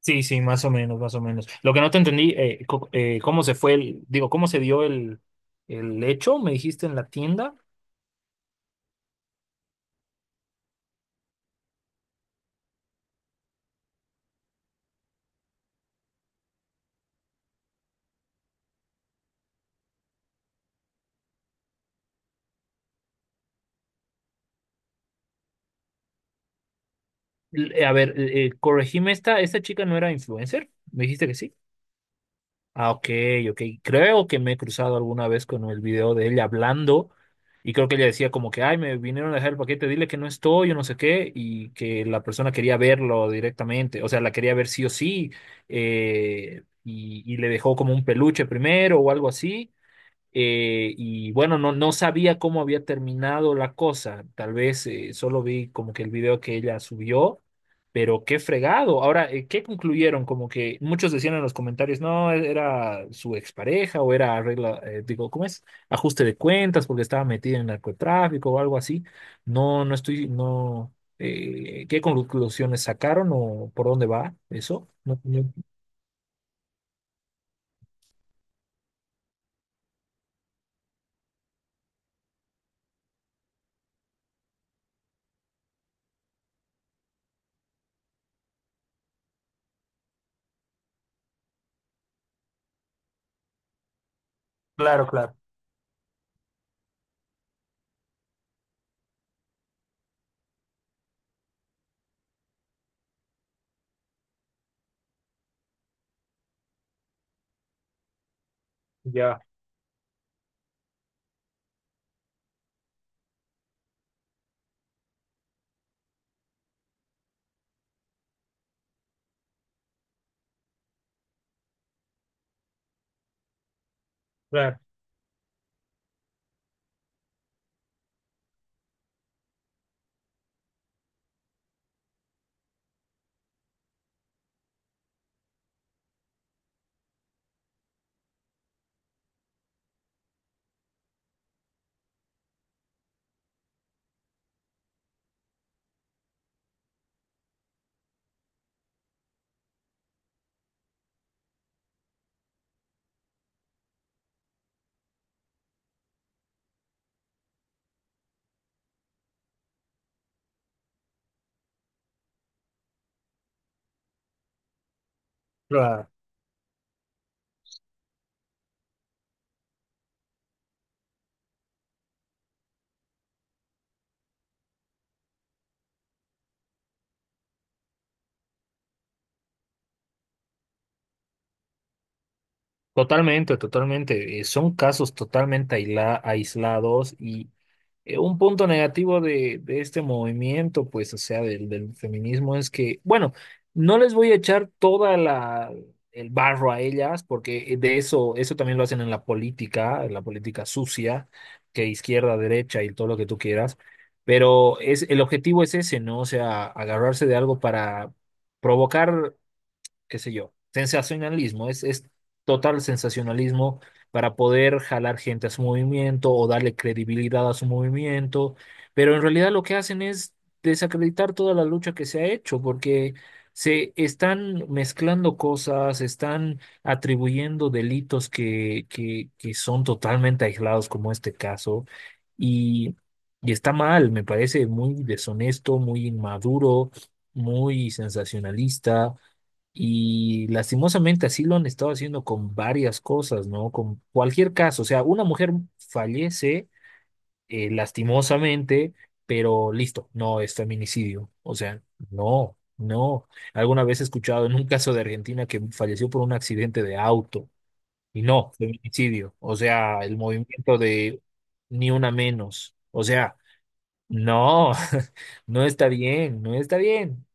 Sí, sí, más o menos, más o menos. Lo que no te entendí, cómo se fue el, digo, cómo se dio el hecho, me dijiste en la tienda. A ver, corregime esta chica no era influencer, me dijiste que sí. Ah, ok, ok. Creo que me he cruzado alguna vez con el video de ella hablando, y creo que ella decía como que, ay, me vinieron a dejar el paquete, dile que no estoy, yo no sé qué, y que la persona quería verlo directamente, o sea, la quería ver sí o sí, y le dejó como un peluche primero o algo así. Y bueno, no, no sabía cómo había terminado la cosa. Tal vez solo vi como que el video que ella subió, pero qué fregado. Ahora, ¿qué concluyeron? Como que muchos decían en los comentarios, no, era su expareja o era arregla, digo, ¿cómo es? Ajuste de cuentas porque estaba metida en narcotráfico o algo así. No, no estoy, no. ¿Qué conclusiones sacaron o por dónde va eso? No, no- Claro, claro, ya, claro. Claro. Totalmente, totalmente. Son casos totalmente aislados y un punto negativo de este movimiento, pues, o sea, del feminismo es que, bueno, no les voy a echar toda la el barro a ellas, porque de eso también lo hacen en la política sucia, que izquierda, derecha y todo lo que tú quieras. Pero el objetivo es ese, ¿no? O sea, agarrarse de algo para provocar, qué sé yo, sensacionalismo, es total sensacionalismo para poder jalar gente a su movimiento o darle credibilidad a su movimiento, pero en realidad lo que hacen es desacreditar toda la lucha que se ha hecho, porque se están mezclando cosas, están atribuyendo delitos que son totalmente aislados, como este caso, y, y está mal. Me parece muy deshonesto, muy inmaduro, muy sensacionalista. Y lastimosamente así lo han estado haciendo con varias cosas, ¿no? Con cualquier caso, o sea, una mujer fallece, lastimosamente, pero listo, no es feminicidio. O sea, no, no. Alguna vez he escuchado en un caso de Argentina que falleció por un accidente de auto, y no, feminicidio. O sea, el movimiento de ni una menos. O sea, no, no está bien, no está bien.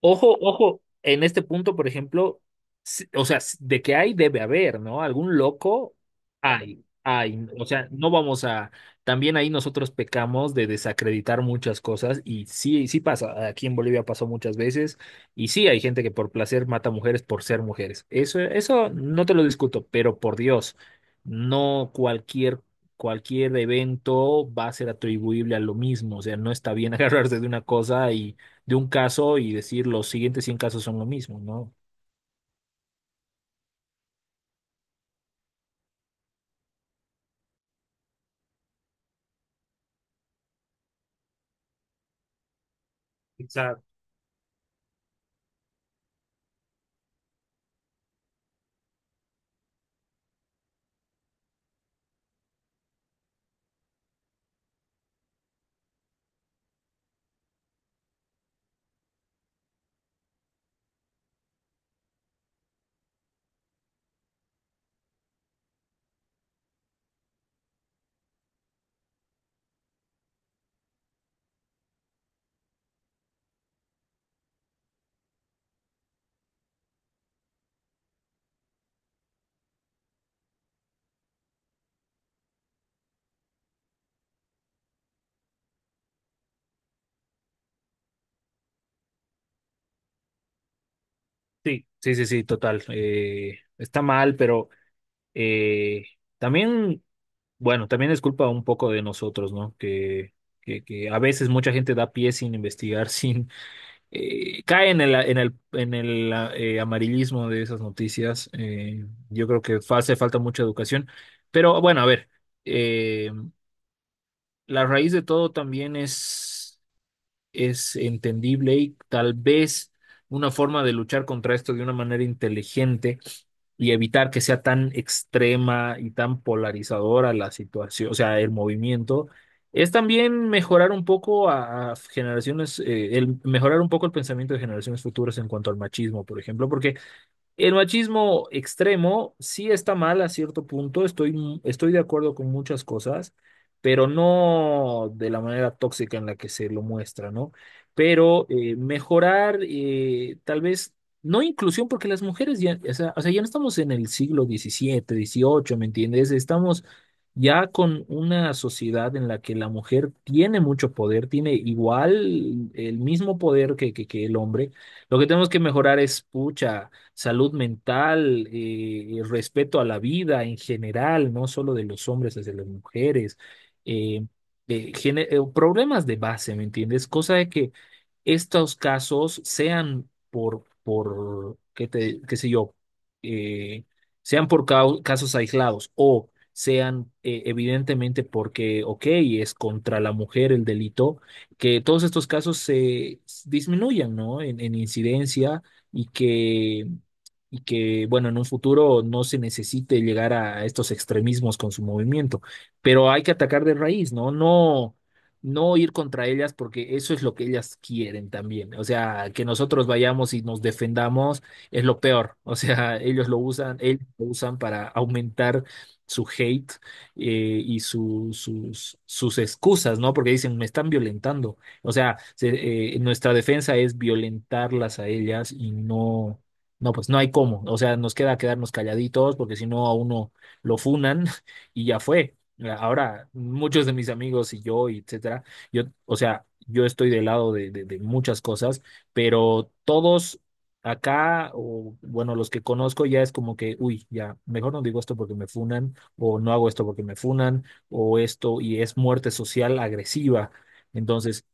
Ojo, ojo, en este punto, por ejemplo, o sea, de que hay, debe haber, ¿no? Algún loco hay, hay. O sea, no vamos a. También ahí nosotros pecamos de desacreditar muchas cosas, y sí, sí pasa. Aquí en Bolivia pasó muchas veces, y sí hay gente que por placer mata mujeres por ser mujeres. Eso no te lo discuto, pero por Dios, no cualquier. Cualquier evento va a ser atribuible a lo mismo, o sea, no está bien agarrarse de una cosa, de un caso, y decir los siguientes 100 casos son lo mismo, ¿no? Exacto. Sí, sí, sí, sí, total. Está mal, pero eh, también, bueno, también es culpa un poco de nosotros, ¿no? Que a veces mucha gente da pie sin investigar, sin cae en el, amarillismo de esas noticias. Yo creo que hace falta mucha educación. Pero bueno, a ver, eh, la raíz de todo también es entendible, y tal vez una forma de luchar contra esto de una manera inteligente y evitar que sea tan extrema y tan polarizadora la situación, o sea, el movimiento, es también mejorar un poco a generaciones, el mejorar un poco el pensamiento de generaciones futuras en cuanto al machismo, por ejemplo, porque el machismo extremo sí está mal a cierto punto. Estoy de acuerdo con muchas cosas, pero no de la manera tóxica en la que se lo muestra, ¿no? Pero mejorar, tal vez, no inclusión, porque las mujeres ya, o sea, ya no estamos en el siglo XVII, XVIII, ¿me entiendes? Estamos ya con una sociedad en la que la mujer tiene mucho poder, tiene igual el mismo poder que el hombre. Lo que tenemos que mejorar es, pucha, salud mental, respeto a la vida en general, no solo de los hombres hacia las mujeres, eh, problemas de base, ¿me entiendes? Cosa de que estos casos sean por qué te, qué sé yo, eh, sean por casos aislados, o sean, evidentemente porque, ok, es contra la mujer el delito, que todos estos casos se disminuyan, ¿no? En incidencia, y que, y que, bueno, en un futuro no se necesite llegar a estos extremismos con su movimiento, pero hay que atacar de raíz, ¿no? No, no ir contra ellas, porque eso es lo que ellas quieren también. O sea, que nosotros vayamos y nos defendamos es lo peor. O sea, ellos lo usan para aumentar su hate, y sus excusas, ¿no? Porque dicen, me están violentando. O sea, nuestra defensa es violentarlas a ellas, y no, no, pues no hay cómo. O sea, nos queda quedarnos calladitos porque si no a uno lo funan y ya fue. Ahora, muchos de mis amigos y yo, y etcétera, yo, o sea, yo estoy del lado de muchas cosas, pero todos acá, o bueno, los que conozco ya es como que, uy, ya, mejor no digo esto porque me funan, o no hago esto porque me funan, o esto, y es muerte social agresiva. Entonces,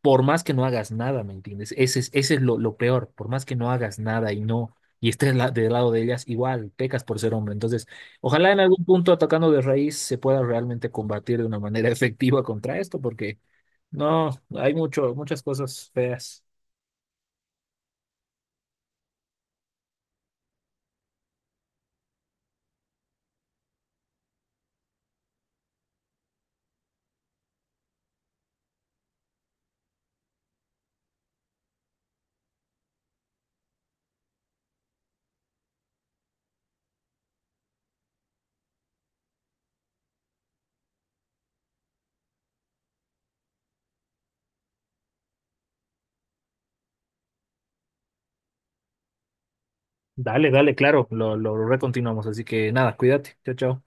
por más que no hagas nada, ¿me entiendes? Ese es lo peor, por más que no hagas nada y no, y estés del lado de ellas, igual pecas por ser hombre. Entonces, ojalá en algún punto atacando de raíz se pueda realmente combatir de una manera efectiva contra esto, porque no, hay muchas cosas feas. Dale, dale, claro, lo recontinuamos. Así que nada, cuídate. Chao, chao.